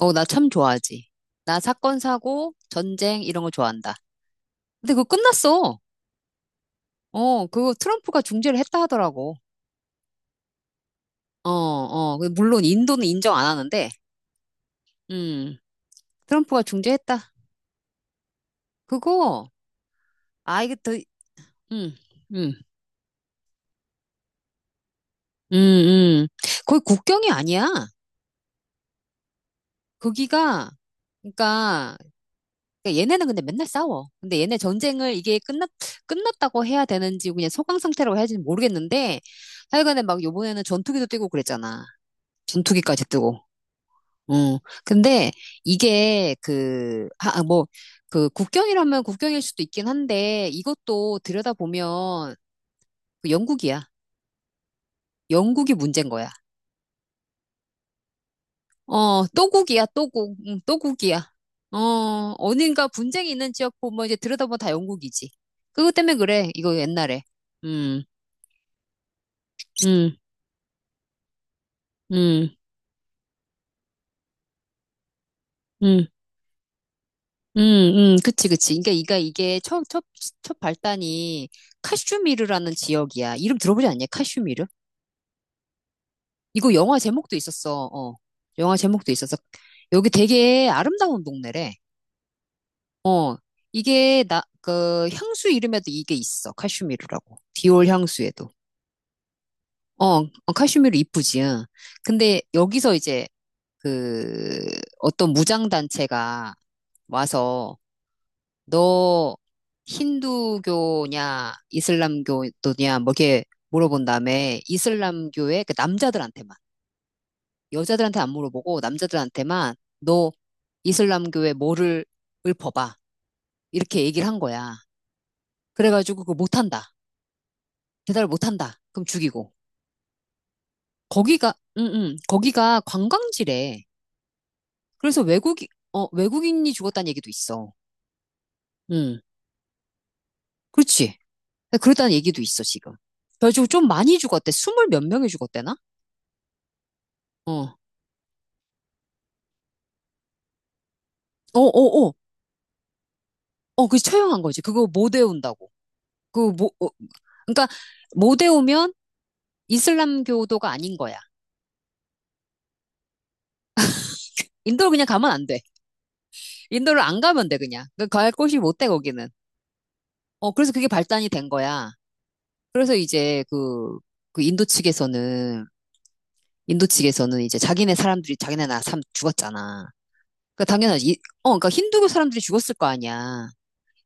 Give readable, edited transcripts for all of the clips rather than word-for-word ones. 어, 나 참 좋아하지. 나 사건, 사고, 전쟁, 이런 거 좋아한다. 근데 그거 끝났어. 어, 그거 트럼프가 중재를 했다 하더라고. 어, 어. 근데 물론 인도는 인정 안 하는데, 음, 트럼프가 중재했다. 그거, 아, 이게 더, 음, 음, 음, 음. 거의 국경이 아니야. 거기가, 그러니까, 그러니까 얘네는 근데 맨날 싸워. 근데 얘네 전쟁을 이게 끝났다고 해야 되는지, 그냥 소강 상태라고 해야 되는지 모르겠는데, 하여간에 막 요번에는 전투기도 뛰고 그랬잖아. 전투기까지 뜨고. 음. 근데 이게 그, 뭐, 그 국경이라면 국경일 수도 있긴 한데 이것도 들여다보면 그 영국이야. 영국이 문제인 거야. 어, 또국이야, 또국. 응, 또국이야. 어, 어딘가 분쟁이 있는 지역 보면 이제 들여다보면 다 영국이지. 그것 때문에 그래. 이거 옛날에. 음, 음, 음, 음. 음, 그치, 그치. 그러니까 이가 이게 첫 발단이 카슈미르라는 지역이야. 이름 들어보지 않냐? 카슈미르? 이거 영화 제목도 있었어. 어. 영화 제목도 있었어. 여기 되게 아름다운 동네래. 어. 이게 나, 그 향수 이름에도 이게 있어. 카슈미르라고. 디올 향수에도. 어, 어, 카슈미르 이쁘지. 응. 근데 여기서 이제 그 어떤 무장단체가 와서 너 힌두교냐 이슬람교도냐 뭐 이렇게 물어본 다음에 이슬람교의 그 남자들한테만 여자들한테 안 물어보고 남자들한테만 너 이슬람교에 뭐를 읊어봐. 이렇게 얘기를 한 거야. 그래가지고 그거 못한다. 대답을 못한다. 그럼 죽이고. 거기가, 응, 응. 거기가 관광지래. 그래서 외국인이 죽었다는 얘기도 있어. 응. 그렇지. 그렇다는 얘기도 있어, 지금. 그래가지고 좀 많이 죽었대. 스물 몇 명이 죽었대나? 어. 어, 어, 어. 어, 그 처형한 거지. 그거 못 외운다고. 그 뭐, 그러니까 못 외우면 이슬람교도가 아닌 거야. 인도를 그냥 가면 안 돼. 인도를 안 가면 돼, 그냥. 그갈 곳이 못 돼, 거기는. 어, 그래서 그게 발단이 된 거야. 그래서 이제 그, 그 인도 측에서는, 인도 측에서는 이제 자기네 사람들이, 자기네 나 사람 죽었잖아. 그러니까 당연하지. 어, 그러니까 힌두교 사람들이 죽었을 거 아니야.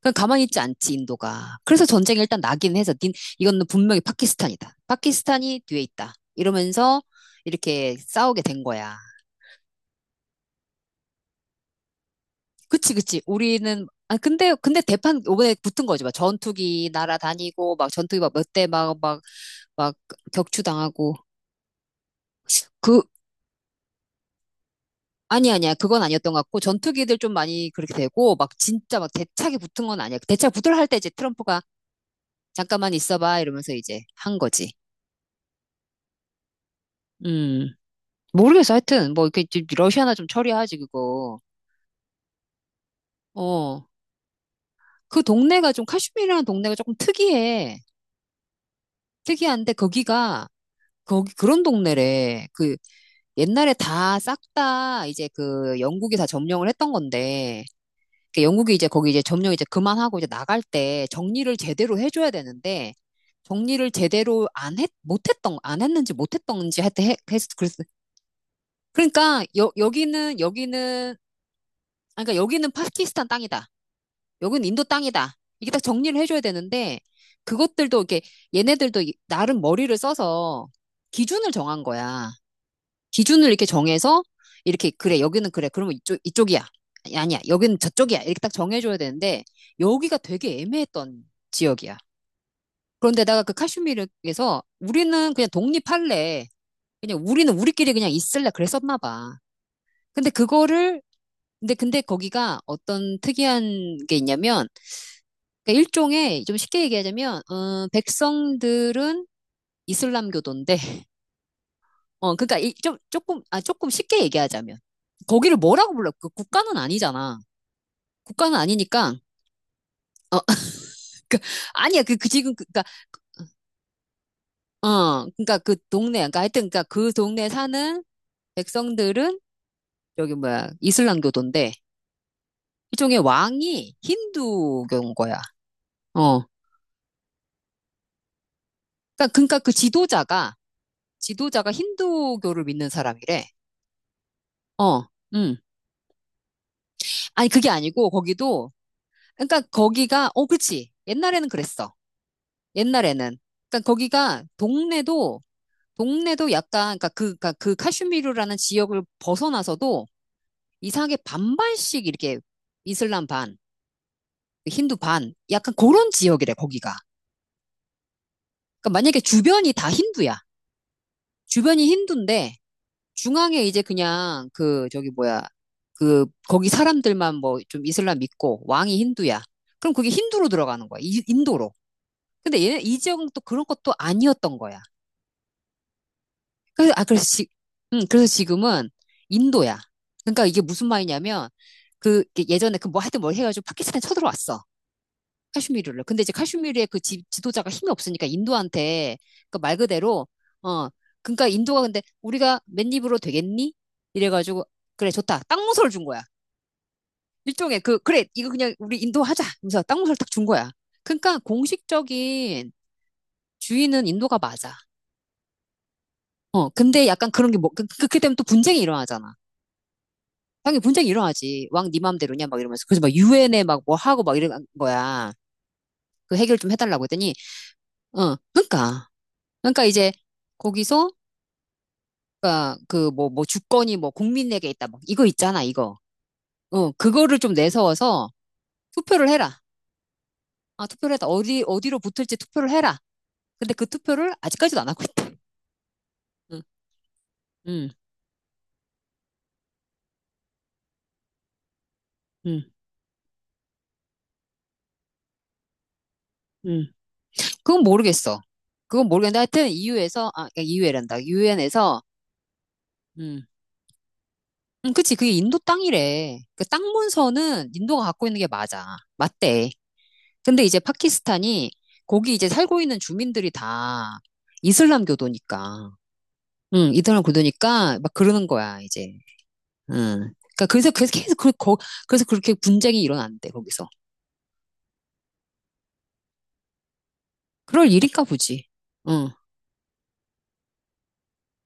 그냥 가만히 있지 않지, 인도가. 그래서 전쟁이 일단 나긴 해서, 이거는 분명히 파키스탄이다. 파키스탄이 뒤에 있다. 이러면서 이렇게 싸우게 된 거야. 그치, 그치. 우리는, 아, 근데 대판, 이번에 붙은 거지. 막 전투기 날아다니고, 막 전투기 막 몇 대 막 격추당하고. 그, 아니, 아니야. 그건 아니었던 것 같고, 전투기들 좀 많이 그렇게 되고, 막 진짜 막 대차게 붙은 건 아니야. 대차 붙으려 할 때 이제 트럼프가 잠깐만 있어봐. 이러면서 이제 한 거지. 음, 모르겠어. 하여튼, 뭐, 이렇게 좀 러시아나 좀 처리하지, 그거. 어. 그 동네가 좀, 카슈미르라는 동네가 조금 특이해. 특이한데, 거기 그런 동네래. 그 옛날에 다 싹 다 이제 그 영국이 다 점령을 했던 건데 그 영국이 이제 거기 이제 점령 이제 그만하고 이제 나갈 때 정리를 제대로 해줘야 되는데 정리를 제대로 안 했, 못했던 안 했는지 못했던지 하여튼 그랬, 그러니까 여, 여기는 여기는 그러니까 여기는 파키스탄 땅이다. 여기는 인도 땅이다. 이게 딱 정리를 해줘야 되는데 그것들도 이렇게 얘네들도 나름 머리를 써서 기준을 정한 거야. 기준을 이렇게 정해서 이렇게 그래 여기는 그래 그러면 이쪽이야. 아니, 아니야, 여기는 저쪽이야, 이렇게 딱 정해줘야 되는데 여기가 되게 애매했던 지역이야. 그런데다가 그 카슈미르에서 우리는 그냥 독립할래, 그냥 우리는 우리끼리 그냥 있을래, 그랬었나 봐. 근데 그거를 근데 거기가 어떤 특이한 게 있냐면 그러니까 일종의 좀 쉽게 얘기하자면 백성들은 이슬람교도인데 어, 그러니까 이, 좀 조금 쉽게 얘기하자면 거기를 뭐라고 불러? 그 국가는 아니잖아. 국가는 아니니까 어, 그 아니야, 그, 그 지금, 그, 그니까 어, 그니까 그 동네, 그니까 하여튼, 그니까 그 동네 사는 백성들은 여기 뭐야 이슬람교도인데 일종의 왕이 힌두교인 거야. 어, 그니까 그 지도자가 지도자가 힌두교를 믿는 사람이래. 어, 음, 아니 그게 아니고 거기도 그니까 거기가 어, 그렇지. 옛날에는 그랬어. 옛날에는. 그러니까 거기가 동네도 약간 그러니까 그러니까 그 카슈미르라는 지역을 벗어나서도 이상하게 반반씩 이렇게 이슬람 반, 그 힌두 반, 약간 그런 지역이래 거기가. 그러니까 만약에 주변이 다 힌두야. 주변이 힌두인데 중앙에 이제 그냥 그 저기 뭐야 그 거기 사람들만 뭐 좀 이슬람 믿고 왕이 힌두야. 그럼 그게 힌두로 들어가는 거야. 인도로. 근데 얘네 이 지역은 또 그런 것도 아니었던 거야. 그래서, 아, 그래서 지, 그래서 지금은 인도야. 그러니까 이게 무슨 말이냐면, 그, 이게 예전에 그 뭐 하여튼 뭘 해가지고 파키스탄에 쳐들어왔어. 카슈미르를. 근데 이제 카슈미르의 그 지도자가 힘이 없으니까 인도한테, 그 말 그대로, 어, 그러니까 인도가 근데 우리가 맨입으로 되겠니? 이래가지고, 그래, 좋다. 땅무서를 준 거야. 일종의 그, 그래, 이거 그냥 우리 인도 하자. 하면서 땅무서를 딱 준 거야. 그러니까 공식적인 주인은 인도가 맞아. 어, 근데 약간 그런 게 뭐, 그렇게 되면 또 분쟁이 일어나잖아. 당연히 분쟁이 일어나지. 왕 네 맘대로냐? 막 이러면서. 그래서 막 유엔에 막 뭐 하고 막 이런 거야. 그 해결 좀 해달라고 했더니, 어, 그러니까. 그러니까 이제 거기서, 그러니까 그 뭐 주권이 뭐 국민에게 있다. 막 이거 있잖아, 이거. 어, 그거를 좀 내세워서 투표를 해라. 아, 투표를 해라. 어디로 붙을지 투표를 해라. 근데 그 투표를 아직까지도 안 하고 있다. 응, 응, 응, 응. 그건 모르겠어. 그건 모르겠는데 하여튼 유 u 에서 아, 유 u 란다유엔에서 응, 그치. 그게 인도 땅이래. 그 땅 문서는 인도가 갖고 있는 게 맞아. 맞대. 근데 이제 파키스탄이 거기 이제 살고 있는 주민들이 다 이슬람 교도니까. 응, 이슬람 교도니까 막 그러는 거야, 이제. 응. 그러니까 그래서 계속 그래서 그렇게 분쟁이 일어난대, 거기서. 그럴 일인가 보지. 응,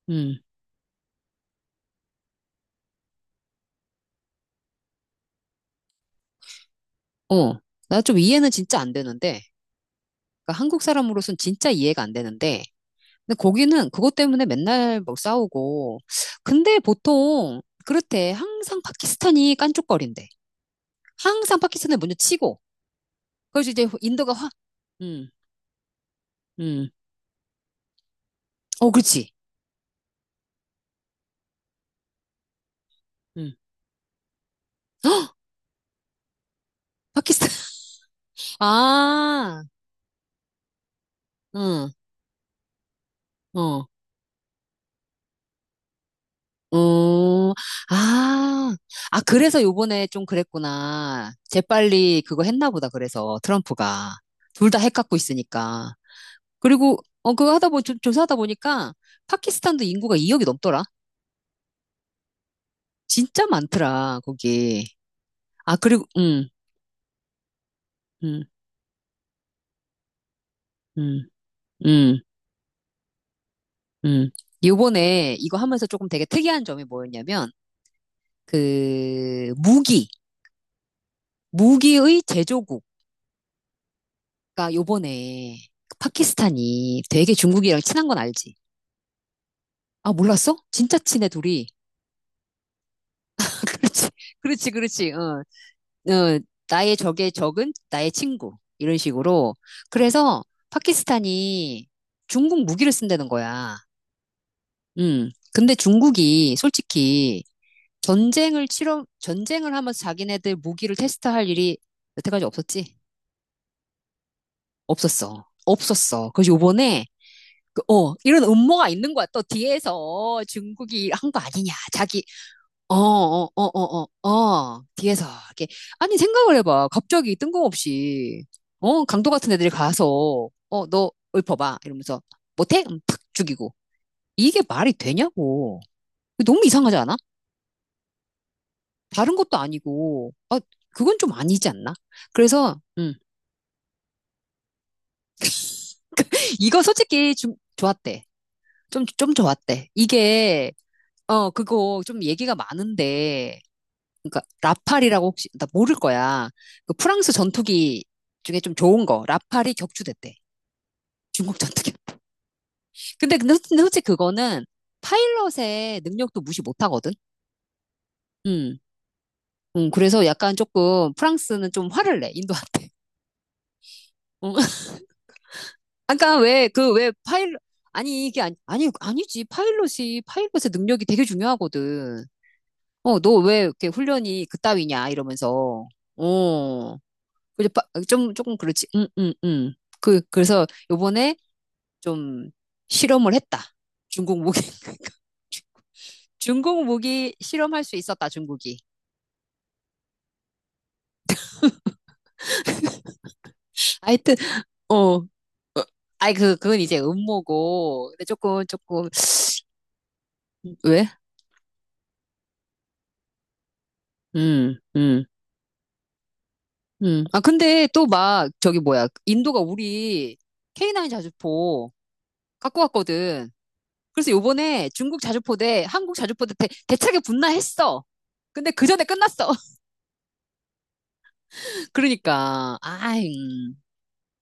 응, 어. 나 좀 이해는 진짜 안 되는데. 그러니까 한국 사람으로선 진짜 이해가 안 되는데. 근데 거기는 그것 때문에 맨날 뭐 싸우고. 근데 보통 그렇대. 항상 파키스탄이 깐족거린대. 항상 파키스탄을 먼저 치고. 그래서 이제 인도가 화, 음, 음. 어, 그렇지. 음. 헉! 파키스탄. 아, 응, 어, 어, 아, 아, 그래서 요번에 좀 그랬구나. 재빨리 그거 했나 보다, 그래서 트럼프가. 둘 다 핵 갖고 있으니까. 그리고 그거 하다 보 조사하다 보니까 파키스탄도 인구가 2억이 넘더라. 진짜 많더라 거기. 아 그리고 음, 음, 음, 음. 요번에 이거 하면서 조금 되게 특이한 점이 뭐였냐면 그 무기의 제조국가 요번에 파키스탄이 되게 중국이랑 친한 건 알지? 아 몰랐어? 진짜 친해 둘이. 그렇지, 그렇지, 그렇지. 어. 어, 나의 적의 적은 나의 친구. 이런 식으로. 그래서 파키스탄이 중국 무기를 쓴다는 거야. 음. 근데 중국이 솔직히 전쟁을 하면서 자기네들 무기를 테스트할 일이 여태까지 없었지? 없었어. 없었어. 그래서 요번에, 이런 음모가 있는 거야. 또 뒤에서 중국이 한 거 아니냐. 자기 뒤에서, 이렇게. 아니, 생각을 해봐. 갑자기 뜬금없이, 강도 같은 애들이 가서, 너 읊어봐. 이러면서, 못해? 탁 죽이고. 이게 말이 되냐고. 너무 이상하지 않아? 다른 것도 아니고, 아, 그건 좀 아니지 않나? 그래서, 이거 솔직히 좀 좋았대. 좀 좋았대. 이게, 그거 좀 얘기가 많은데, 그러니까 라팔이라고 혹시 나 모를 거야. 그 프랑스 전투기 중에 좀 좋은 거 라팔이 격추됐대. 중국 전투기. 근데 솔직히 그거는 파일럿의 능력도 무시 못 하거든. 음. 그래서 약간 조금 프랑스는 좀 화를 내, 인도한테. 음. 아까 왜 파일럿, 아니, 이게 아니, 아니, 아니지. 파일럿의 능력이 되게 중요하거든. 어, 너 왜 이렇게 훈련이 그따위냐, 이러면서. 어. 이제 좀, 조금 그렇지. 응, 응, 응. 그래서 요번에 좀 실험을 했다. 중국 무기. 중국 무기 실험할 수 있었다, 중국이. 하여튼, 어. 아이, 그건 이제 음모고. 근데 조금, 왜? 음, 음, 아, 근데 또 막, 저기 뭐야. 인도가 우리 K9 자주포 갖고 왔거든. 그래서 요번에 중국 자주포 대 한국 자주포 대 대, 대차게 붙나 했어. 근데 그 전에 끝났어. 그러니까, 아이.